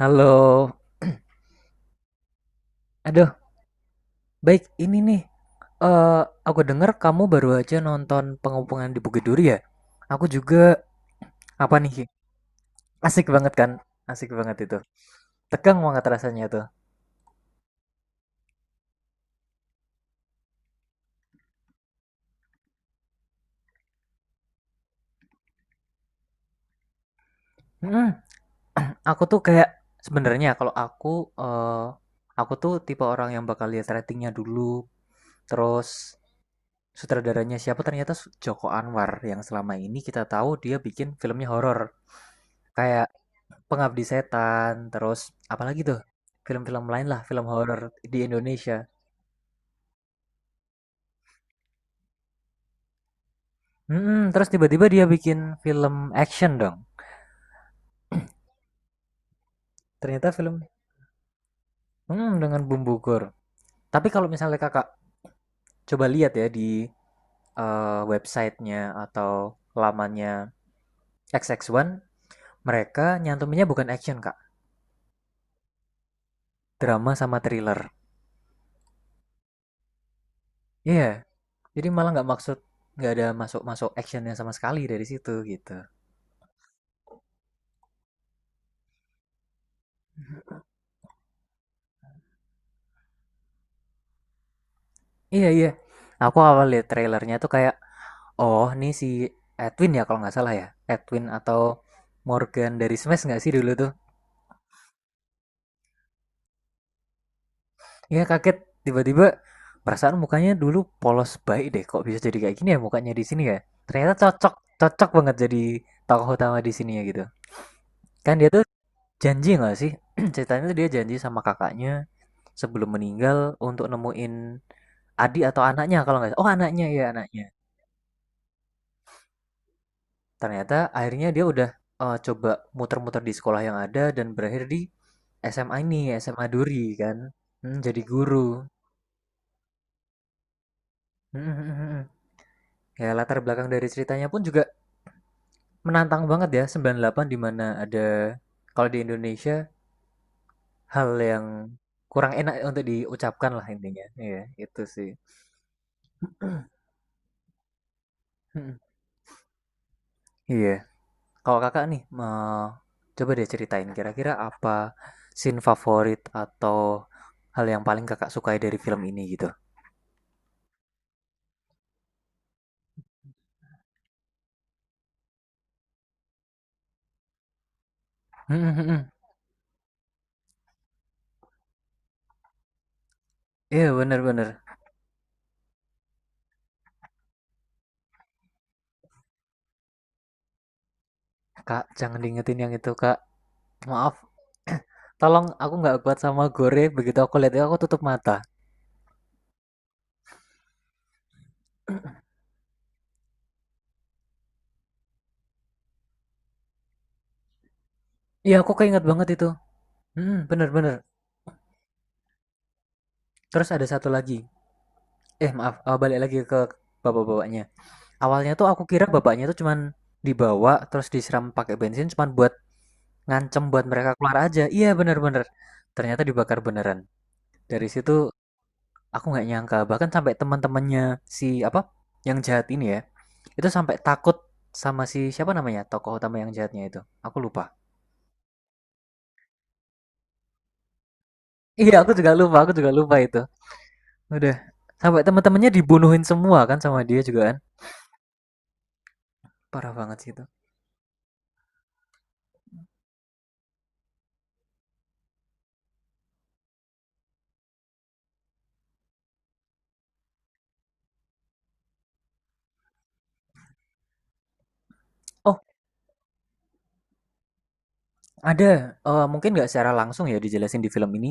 Halo. Aduh, baik ini nih. Eh, aku dengar kamu baru aja nonton pengepungan di Bukit Duri ya? Aku juga. Apa nih? Asik banget kan? Asik banget itu. Tegang banget rasanya tuh. Mm. Aku tuh kayak sebenarnya kalau eh aku tuh tipe orang yang bakal lihat ratingnya dulu. Terus sutradaranya siapa? Ternyata Joko Anwar yang selama ini kita tahu dia bikin filmnya horor. Kayak Pengabdi Setan, terus apalagi tuh? Film-film lain lah, film horor di Indonesia. Terus tiba-tiba dia bikin film action dong. Ternyata film dengan bumbu gore. Tapi kalau misalnya kakak coba lihat ya di websitenya atau lamannya X X One, mereka nyantuminnya bukan action kak, drama sama thriller. Iya, yeah, jadi malah nggak ada masuk-masuk actionnya sama sekali dari situ gitu. Iya yeah, iya, yeah. Aku awal lihat trailernya tuh kayak, oh, ini si Edwin ya kalau nggak salah ya. Edwin atau Morgan dari Smash nggak sih dulu tuh? Iya kaget, tiba-tiba perasaan mukanya dulu polos baik deh. Kok bisa jadi kayak gini ya mukanya di sini ya? Ternyata cocok banget jadi tokoh utama di sini ya gitu. Kan dia tuh janji nggak sih? Ceritanya tuh dia janji sama kakaknya sebelum meninggal untuk nemuin adik atau anaknya kalau nggak salah. Oh anaknya, ya, anaknya. Ternyata akhirnya dia udah, coba muter-muter di sekolah yang ada dan berakhir di SMA ini, SMA Duri kan, mhm, jadi guru. Ya latar belakang dari ceritanya pun juga menantang banget ya, 98, di mana ada kalau di Indonesia hal yang kurang enak untuk diucapkan lah intinya, iya itu sih. Iya. Kalau Kakak nih, coba deh ceritain kira-kira apa scene favorit atau hal yang paling Kakak sukai dari film ini gitu? Mm, mm, mm. Iya bener-bener. Kak, jangan diingetin yang itu Kak. Maaf, tolong, aku nggak kuat sama gore. Begitu aku lihat itu, aku tutup mata. Iya, aku keinget banget itu. Hmm, bener-bener. Terus ada satu lagi. Maaf, balik lagi ke bapak-bapaknya. Awalnya tuh aku kira bapaknya tuh cuman dibawa. Terus disiram pakai bensin cuman buat ngancem buat mereka keluar aja. Iya bener-bener. Ternyata dibakar beneran. Dari situ, aku nggak nyangka bahkan sampai teman-temannya, si apa, yang jahat ini ya, itu sampai takut sama si siapa namanya, tokoh utama yang jahatnya itu. Aku lupa. Iya aku juga lupa, aku juga lupa itu. Udah sampai teman-temannya dibunuhin semua kan sama dia juga kan. Parah banget sih itu. Oh ada, mungkin nggak secara langsung ya dijelasin di film ini.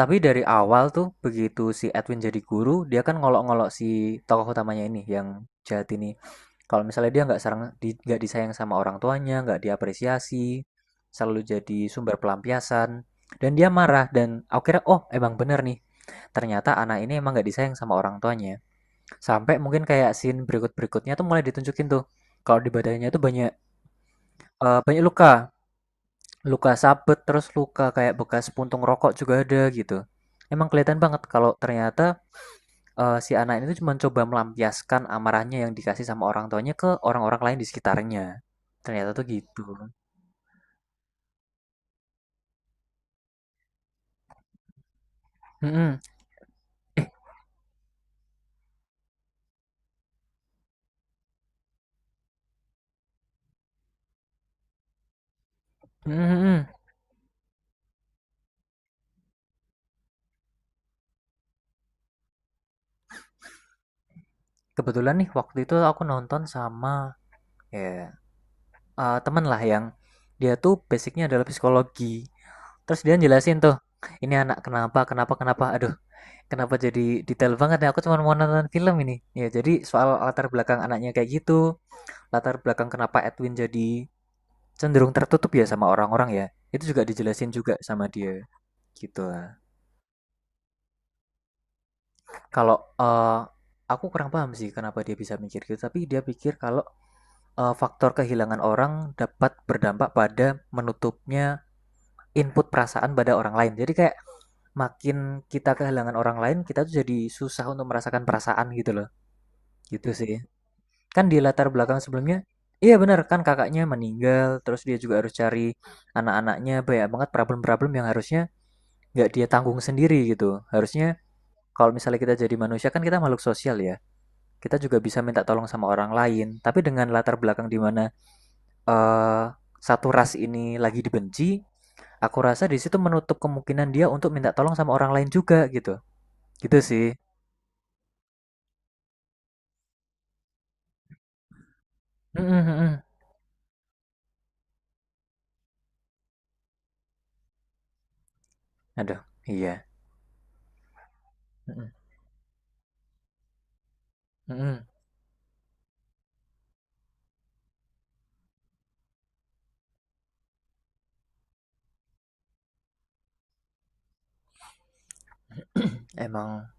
Tapi dari awal tuh begitu si Edwin jadi guru, dia kan ngolok-ngolok si tokoh utamanya ini yang jahat ini. Kalau misalnya dia nggak sarang, di, nggak disayang sama orang tuanya, nggak diapresiasi, selalu jadi sumber pelampiasan, dan dia marah. Dan aku kira, oh emang bener nih, ternyata anak ini emang nggak disayang sama orang tuanya. Sampai mungkin kayak scene berikut-berikutnya tuh mulai ditunjukin tuh, kalau di badannya tuh banyak luka. Luka sabet, terus luka kayak bekas puntung rokok juga ada gitu. Emang kelihatan banget kalau ternyata, si anak ini tuh cuma coba melampiaskan amarahnya yang dikasih sama orang tuanya ke orang-orang lain di sekitarnya. Ternyata tuh gitu. Mm-mm. Mm-mm. Kebetulan nih waktu itu aku nonton sama, ya, temen lah yang dia tuh basicnya adalah psikologi. Terus dia jelasin tuh, ini anak kenapa, kenapa, kenapa. Aduh, kenapa jadi detail banget ya? Aku cuma mau nonton film ini. Ya, jadi soal latar belakang anaknya kayak gitu, latar belakang kenapa Edwin jadi cenderung tertutup ya sama orang-orang ya. Itu juga dijelasin juga sama dia. Gitu lah. Kalau aku kurang paham sih kenapa dia bisa mikir gitu, tapi dia pikir kalau faktor kehilangan orang dapat berdampak pada menutupnya input perasaan pada orang lain. Jadi kayak makin kita kehilangan orang lain, kita tuh jadi susah untuk merasakan perasaan gitu loh. Gitu sih. Kan di latar belakang sebelumnya, iya benar, kan kakaknya meninggal terus dia juga harus cari anak-anaknya, banyak banget problem-problem yang harusnya nggak dia tanggung sendiri gitu, harusnya kalau misalnya kita jadi manusia kan kita makhluk sosial ya, kita juga bisa minta tolong sama orang lain, tapi dengan latar belakang di mana eh, satu ras ini lagi dibenci, aku rasa di situ menutup kemungkinan dia untuk minta tolong sama orang lain juga gitu. Gitu sih. Mm, mm-mm. Aduh, iya. Mm-mm, mm-mm. Emang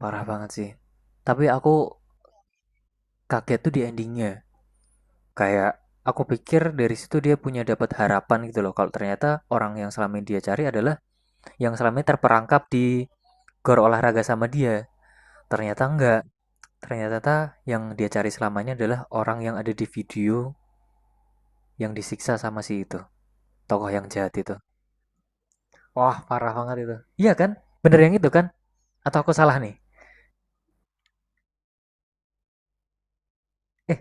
parah banget sih. Tapi aku kaget tuh di endingnya. Kayak aku pikir dari situ dia dapat harapan gitu loh. Kalau ternyata orang yang selama ini dia cari adalah yang selama ini terperangkap di gor olahraga sama dia. Ternyata enggak. Ternyata yang dia cari selamanya adalah orang yang ada di video, yang disiksa sama si itu. Tokoh yang jahat itu. Wah, parah banget itu. Iya kan? Bener yang itu kan? Atau aku salah nih? Eh,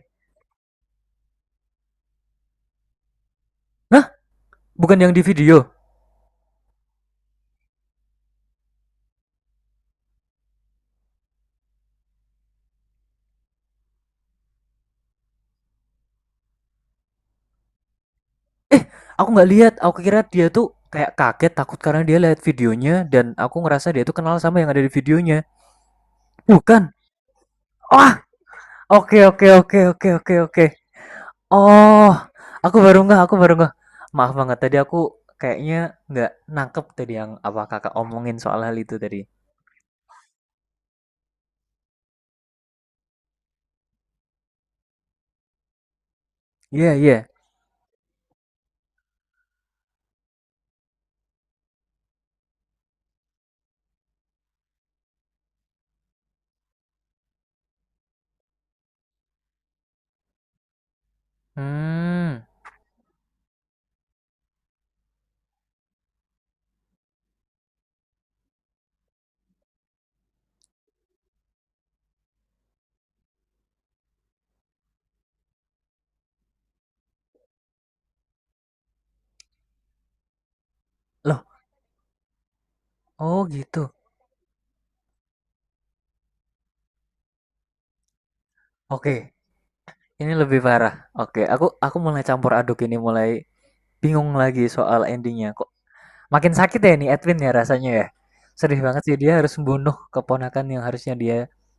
nah, bukan yang di video. Aku nggak lihat, aku kira dia tuh kayak kaget takut karena dia lihat videonya dan aku ngerasa dia tuh kenal sama yang ada di videonya. Bukan. Wah, oke, oke, oke, oke, oke, oke. Oh, aku baru nggak, aku baru nggak. Maaf banget tadi aku kayaknya nggak nangkep tadi yang apa kakak omongin soal hal itu tadi. Iya, iya. Hmm, loh, oh gitu. Oke, ini lebih parah. Oke, aku mulai campur aduk, ini mulai bingung lagi soal endingnya. Kok makin sakit ya nih Edwin ya rasanya ya. Sedih banget sih dia harus membunuh keponakan yang harusnya dia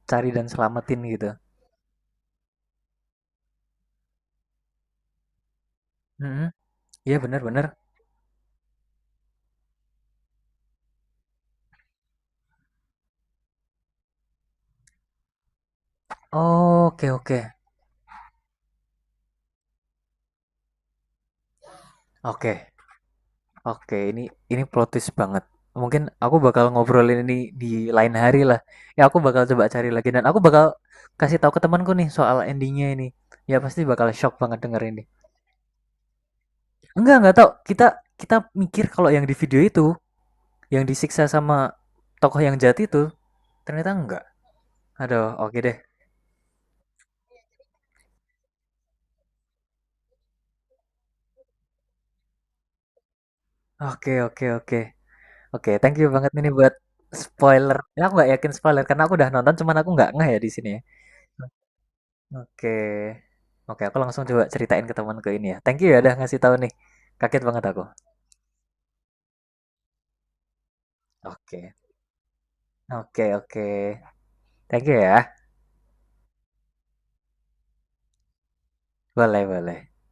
cari dan selamatin gitu. Mhm. Iya bener-bener. Oke, oke, oke, oke, ini plot twist banget. Mungkin aku bakal ngobrolin ini di lain hari lah. Ya aku bakal coba cari lagi dan aku bakal kasih tahu ke temanku nih soal endingnya ini. Ya pasti bakal shock banget denger ini. Enggak tau. Kita kita mikir kalau yang di video itu yang disiksa sama tokoh yang jahat itu, ternyata enggak. Aduh, oke deh. Oke, oke, oke. Oke, thank you banget ini buat spoiler. Ya, aku nggak yakin spoiler karena aku udah nonton, cuman aku nggak ngeh ya di sini, ya. Oke, oke. Aku langsung coba ceritain ke temanku ini ya. Thank you ya udah ngasih tahu nih. Kaget banget aku. Oke, oke, oke. Thank you ya. Boleh, boleh.